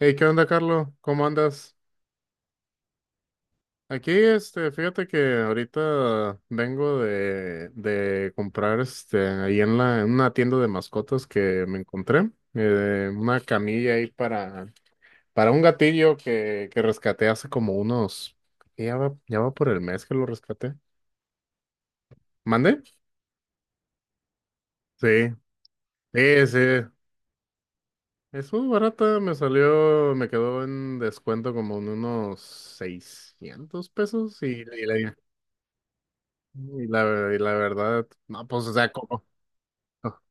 Hey, ¿qué onda, Carlos? ¿Cómo andas? Aquí, fíjate que ahorita vengo de comprar, ahí en en una tienda de mascotas que me encontré, una camilla ahí para un gatillo que rescaté ya ya va por el mes que lo rescaté. ¿Mande? Sí, sí, sí. Es muy barata, me quedó en descuento como en unos 600 pesos y y la verdad, no, pues, o sea, no,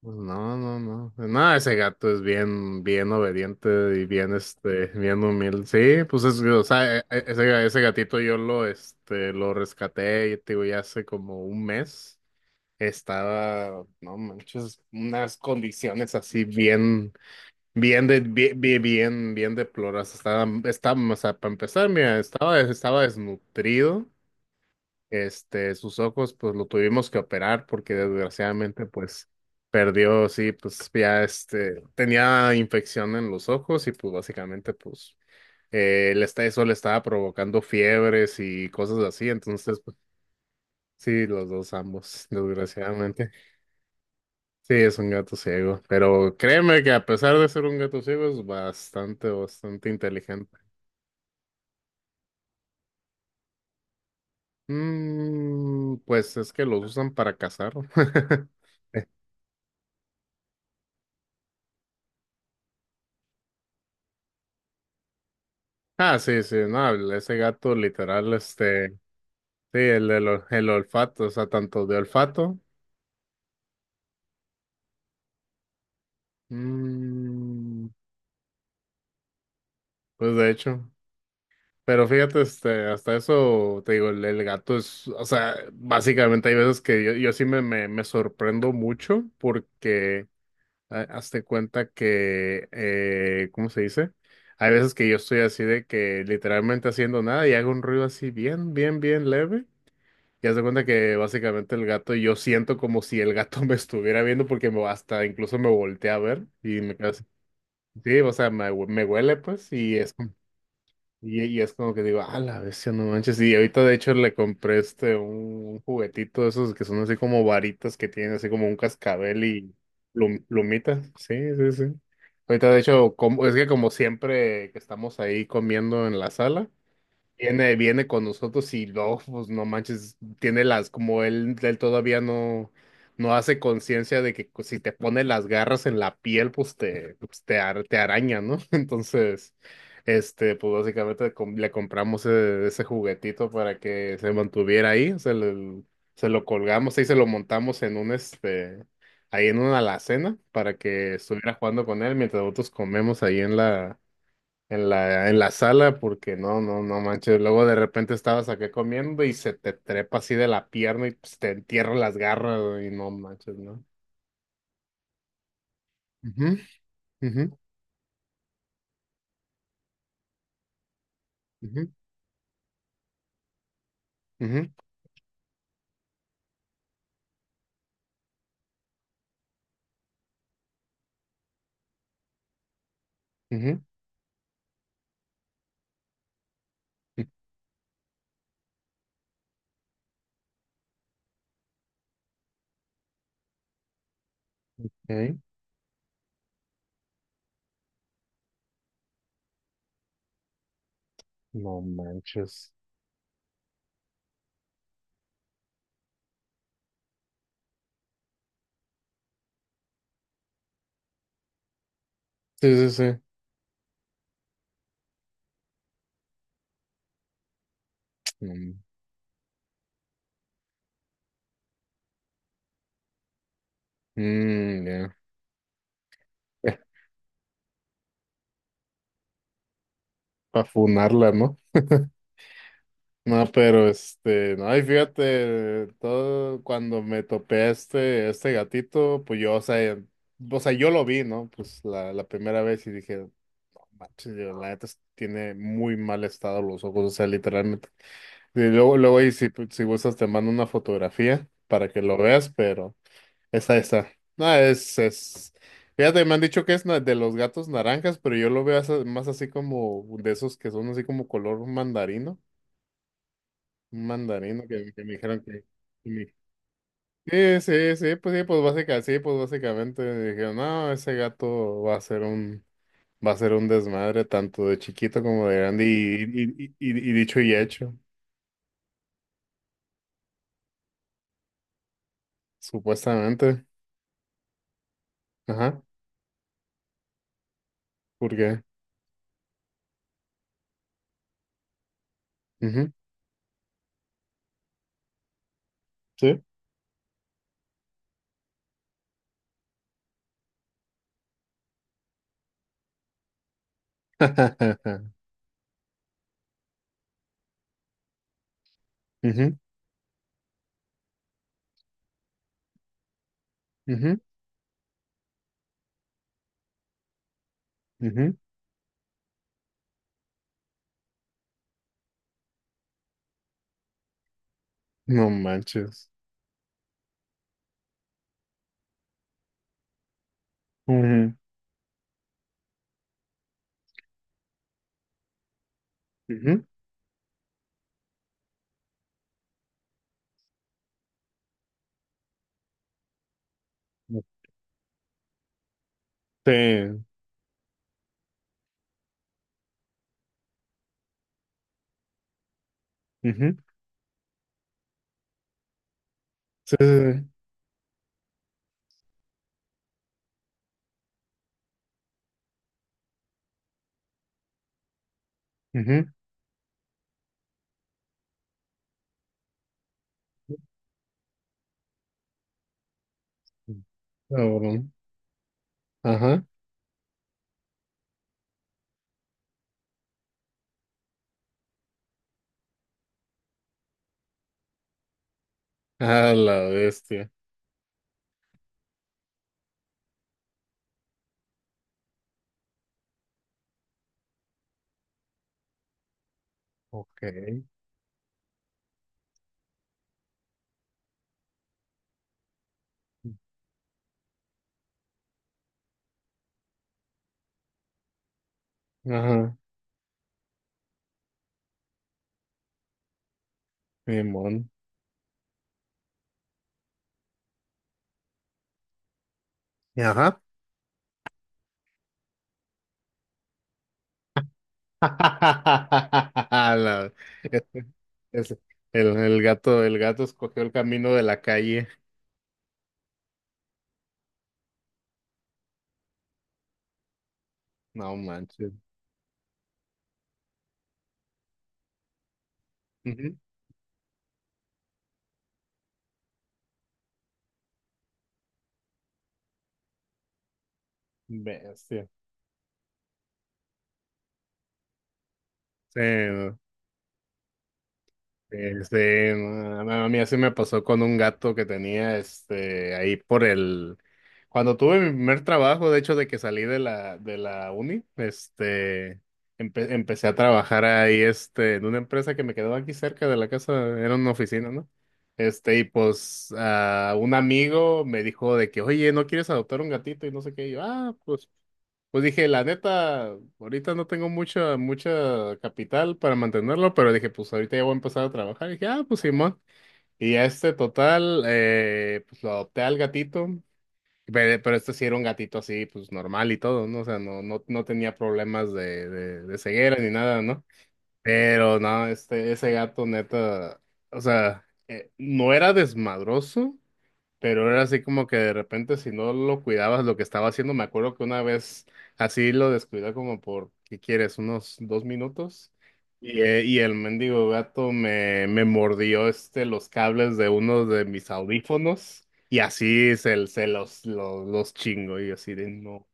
pues, no, no, no, no, ese gato es bien, bien obediente y bien, bien humilde, sí, pues, o sea, ese gatito yo lo rescaté, y te digo, ya hace como un mes, estaba, no manches, unas condiciones así bien, bien, bien, bien, bien deploradas, estaba, o sea, para empezar, mira, estaba desnutrido. Este, sus ojos, pues lo tuvimos que operar porque, desgraciadamente, pues perdió, sí, pues ya, tenía infección en los ojos y pues básicamente, pues, eso le estaba provocando fiebres y cosas así. Entonces, pues sí, los dos ambos, desgraciadamente. Sí, es un gato ciego, pero créeme que a pesar de ser un gato ciego es bastante, bastante inteligente. Mm, pues es que los usan para cazar. Ah, sí, sí, no, ese gato literal, sí, el, del ol- el, olfato, o sea, tanto de olfato, mm, pues de hecho, pero fíjate, hasta eso, te digo, el gato es, o sea, básicamente hay veces que yo sí me sorprendo mucho porque, ah, hazte cuenta que, ¿cómo se dice? Hay veces que yo estoy así de que literalmente haciendo nada y hago un ruido así bien, bien, bien leve. Ya se cuenta que básicamente el gato, yo siento como si el gato me estuviera viendo porque me, hasta incluso, me volteé a ver y me quedo así. Sí, o sea, me huele pues, y es como, y es como que digo, ah, la bestia, no manches. Y ahorita, de hecho, le compré un juguetito de esos que son así como varitas que tienen así como un cascabel y plumita. Sí, sí, sí. Ahorita, de hecho, como, es que como siempre que estamos ahí comiendo en la sala. Viene con nosotros y no, pues no manches, tiene las, como él todavía no hace conciencia de que pues, si te pone las garras en la piel, pues te, pues, te araña, ¿no? Entonces, pues básicamente, le compramos, ese juguetito para que se mantuviera ahí, se lo colgamos y se lo montamos en un, ahí en una alacena para que estuviera jugando con él mientras nosotros comemos ahí en en la sala, porque no, no, no manches. Luego, de repente, estabas acá comiendo y se te trepa así de la pierna y pues te entierra las garras, güey, y no manches, ¿no? Ujú, ujú, ujú, ujú, ujú, ujú. No manches. Sí, sí, sí. Mm, mm, ya. Para funarla, no. No, pero no, y fíjate, todo cuando me topé a este gatito, pues yo, o sea, yo lo vi, ¿no? Pues la primera vez y dije, no manches, yo la neta tiene muy mal estado los ojos, o sea, literalmente. Y luego, luego, y si gustas, te mando una fotografía para que lo veas, pero esta, esta. No, es, es. Fíjate, me han dicho que de los gatos naranjas, pero yo lo veo más así como de esos que son así como color mandarino. Un mandarino que me dijeron que me... Sí, sí, sí, pues básicamente me dijeron, no, ese gato va a ser un, va a ser un desmadre tanto de chiquito como de grande y, y dicho y hecho, supuestamente. Ajá, ¿por qué? Ujú, sí. Ujú, ujú, ujú. No manches. Ujú, ujú. Sí. Ujú, sí, sí, sí. Ujú. Cabrón. Ajá. A la bestia. Ok. Ajá, mi mon. Y ajá. La... ese- ese- el gato escogió el camino de la calle. No manches. Ujú. Bestia. Sí, no. No, no, a mí así me pasó con un gato que tenía, ahí por el, cuando tuve mi primer trabajo, de hecho, de que salí de de la uni. Empecé a trabajar ahí, en una empresa que me quedaba aquí cerca de la casa, era una oficina, ¿no? Y pues, ah, un amigo me dijo de que, oye, ¿no quieres adoptar un gatito? Y no sé qué, y yo, ah, pues. Pues dije, la neta, ahorita no tengo mucha, mucha capital para mantenerlo, pero dije, pues ahorita ya voy a empezar a trabajar. Y dije, ah, pues Simón. Y ya este total, pues lo adopté al gatito, pero este sí era un gatito así, pues normal y todo, ¿no? O sea, no, no, no tenía problemas de ceguera ni nada, ¿no? Pero no, ese gato neta, o sea, no era desmadroso. Pero era así como que de repente, si no lo cuidabas lo que estaba haciendo, me acuerdo que una vez así lo descuidé como por, ¿qué quieres? Unos 2 minutos. Y el mendigo gato me mordió, los cables de uno de mis audífonos y así se, los chingo, y yo así de no.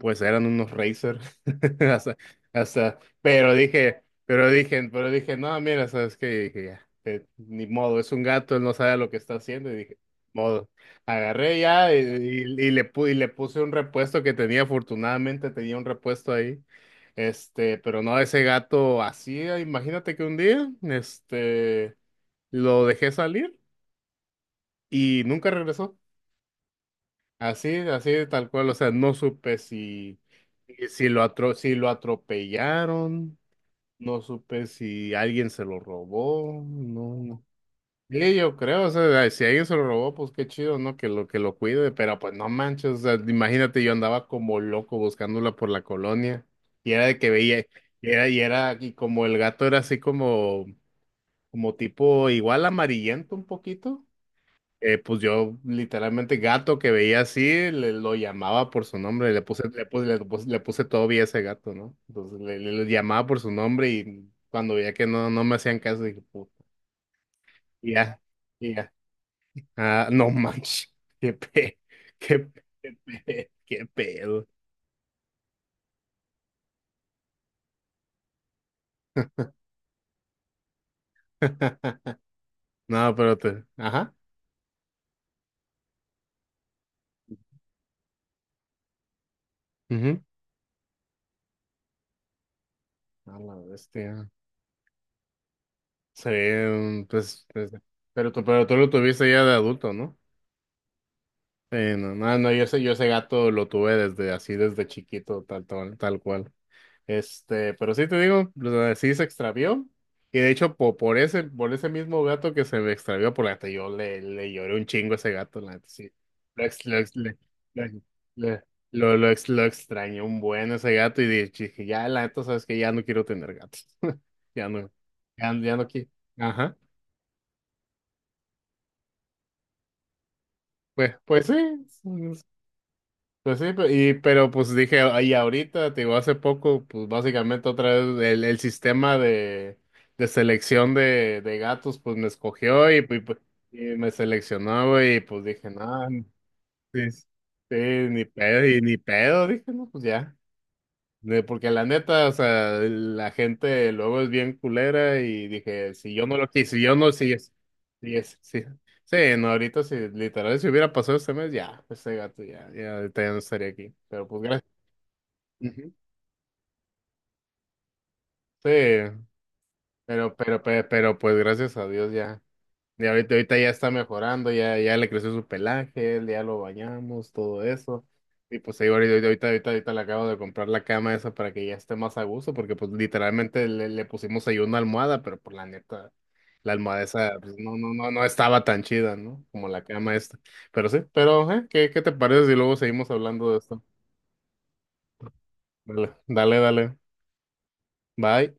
Pues eran unos Razer. Hasta, pero dije, pero dije, pero dije, no, mira, sabes qué, dije, ya, ni modo, es un gato, él no sabe lo que está haciendo. Y dije, modo. Agarré ya, y y le puse un repuesto que tenía, afortunadamente tenía un repuesto ahí. Este, pero no, ese gato así, imagínate que un día, lo dejé salir y nunca regresó. Así, así tal cual, o sea, no supe si, si lo atropellaron, no supe si alguien se lo robó, no, no. Sí, yo creo, o sea, si alguien se lo robó, pues qué chido, ¿no? Que lo cuide, pero pues no manches, o sea, imagínate, yo andaba como loco buscándola por la colonia, y era de que veía, y era, y como el gato era así como, como tipo igual amarillento un poquito. Pues yo literalmente gato que veía así, lo llamaba por su nombre. Le puse, le puse Toby a ese gato, ¿no? Entonces le, le llamaba por su nombre y cuando veía que no, no me hacían caso, dije, puta, y ya, y ya. Ah, no manches, qué pe, qué qué pedo. No, pero te, ajá, ujú. A la bestia. Sí, mm, pues, pues, pero tú lo tuviste ya de adulto, ¿no? Sí, no, no, no, yo ese gato lo tuve desde así, desde chiquito, tal, tal, tal cual. Este, pero sí te digo, o sea, sí se extravió. Y de hecho, ese, por ese mismo gato que se me extravió, por la neta, yo le, le lloré un chingo a ese gato, la neta, sí. Lo, ex- le- le- le- lo ex- lo extrañé un buen ese gato, y dije, ya, la neta, sabes que ya no quiero tener gatos. Ya no, ya, ya no quiero. Ajá. Pues, pues sí. Pues sí, pero pues dije, ahí ahorita, te digo, hace poco, pues básicamente otra vez el sistema de selección de gatos, pues me escogió, y pues y me seleccionó, güey, y pues dije, no, sí, sí, ni pedo, y ni pedo, dije, no, pues ya. De- porque la neta, o sea, la gente luego es bien culera, y dije, si yo no lo quise, si yo no, si es, si es, sí. Sí, no, ahorita, si literal, si hubiera pasado este mes, ya, este gato ya, ya, ahorita ya no estaría aquí. Pero pues gracias. Ujú. Sí, pero, pero pues gracias a Dios ya. Y ahorita, ahorita ya está mejorando, ya, ya le creció su pelaje, él ya lo bañamos, todo eso. Y pues ahí ahorita, ahorita, ahorita, ahorita le acabo de comprar la cama esa para que ya esté más a gusto, porque pues literalmente le, le pusimos ahí una almohada, pero por la neta, la almohada esa pues, no, no, no, no estaba tan chida, ¿no? Como la cama esta. Pero sí, pero, ¿eh? ¿Qué, qué te parece si luego seguimos hablando de esto? Dale, dale, dale. Bye.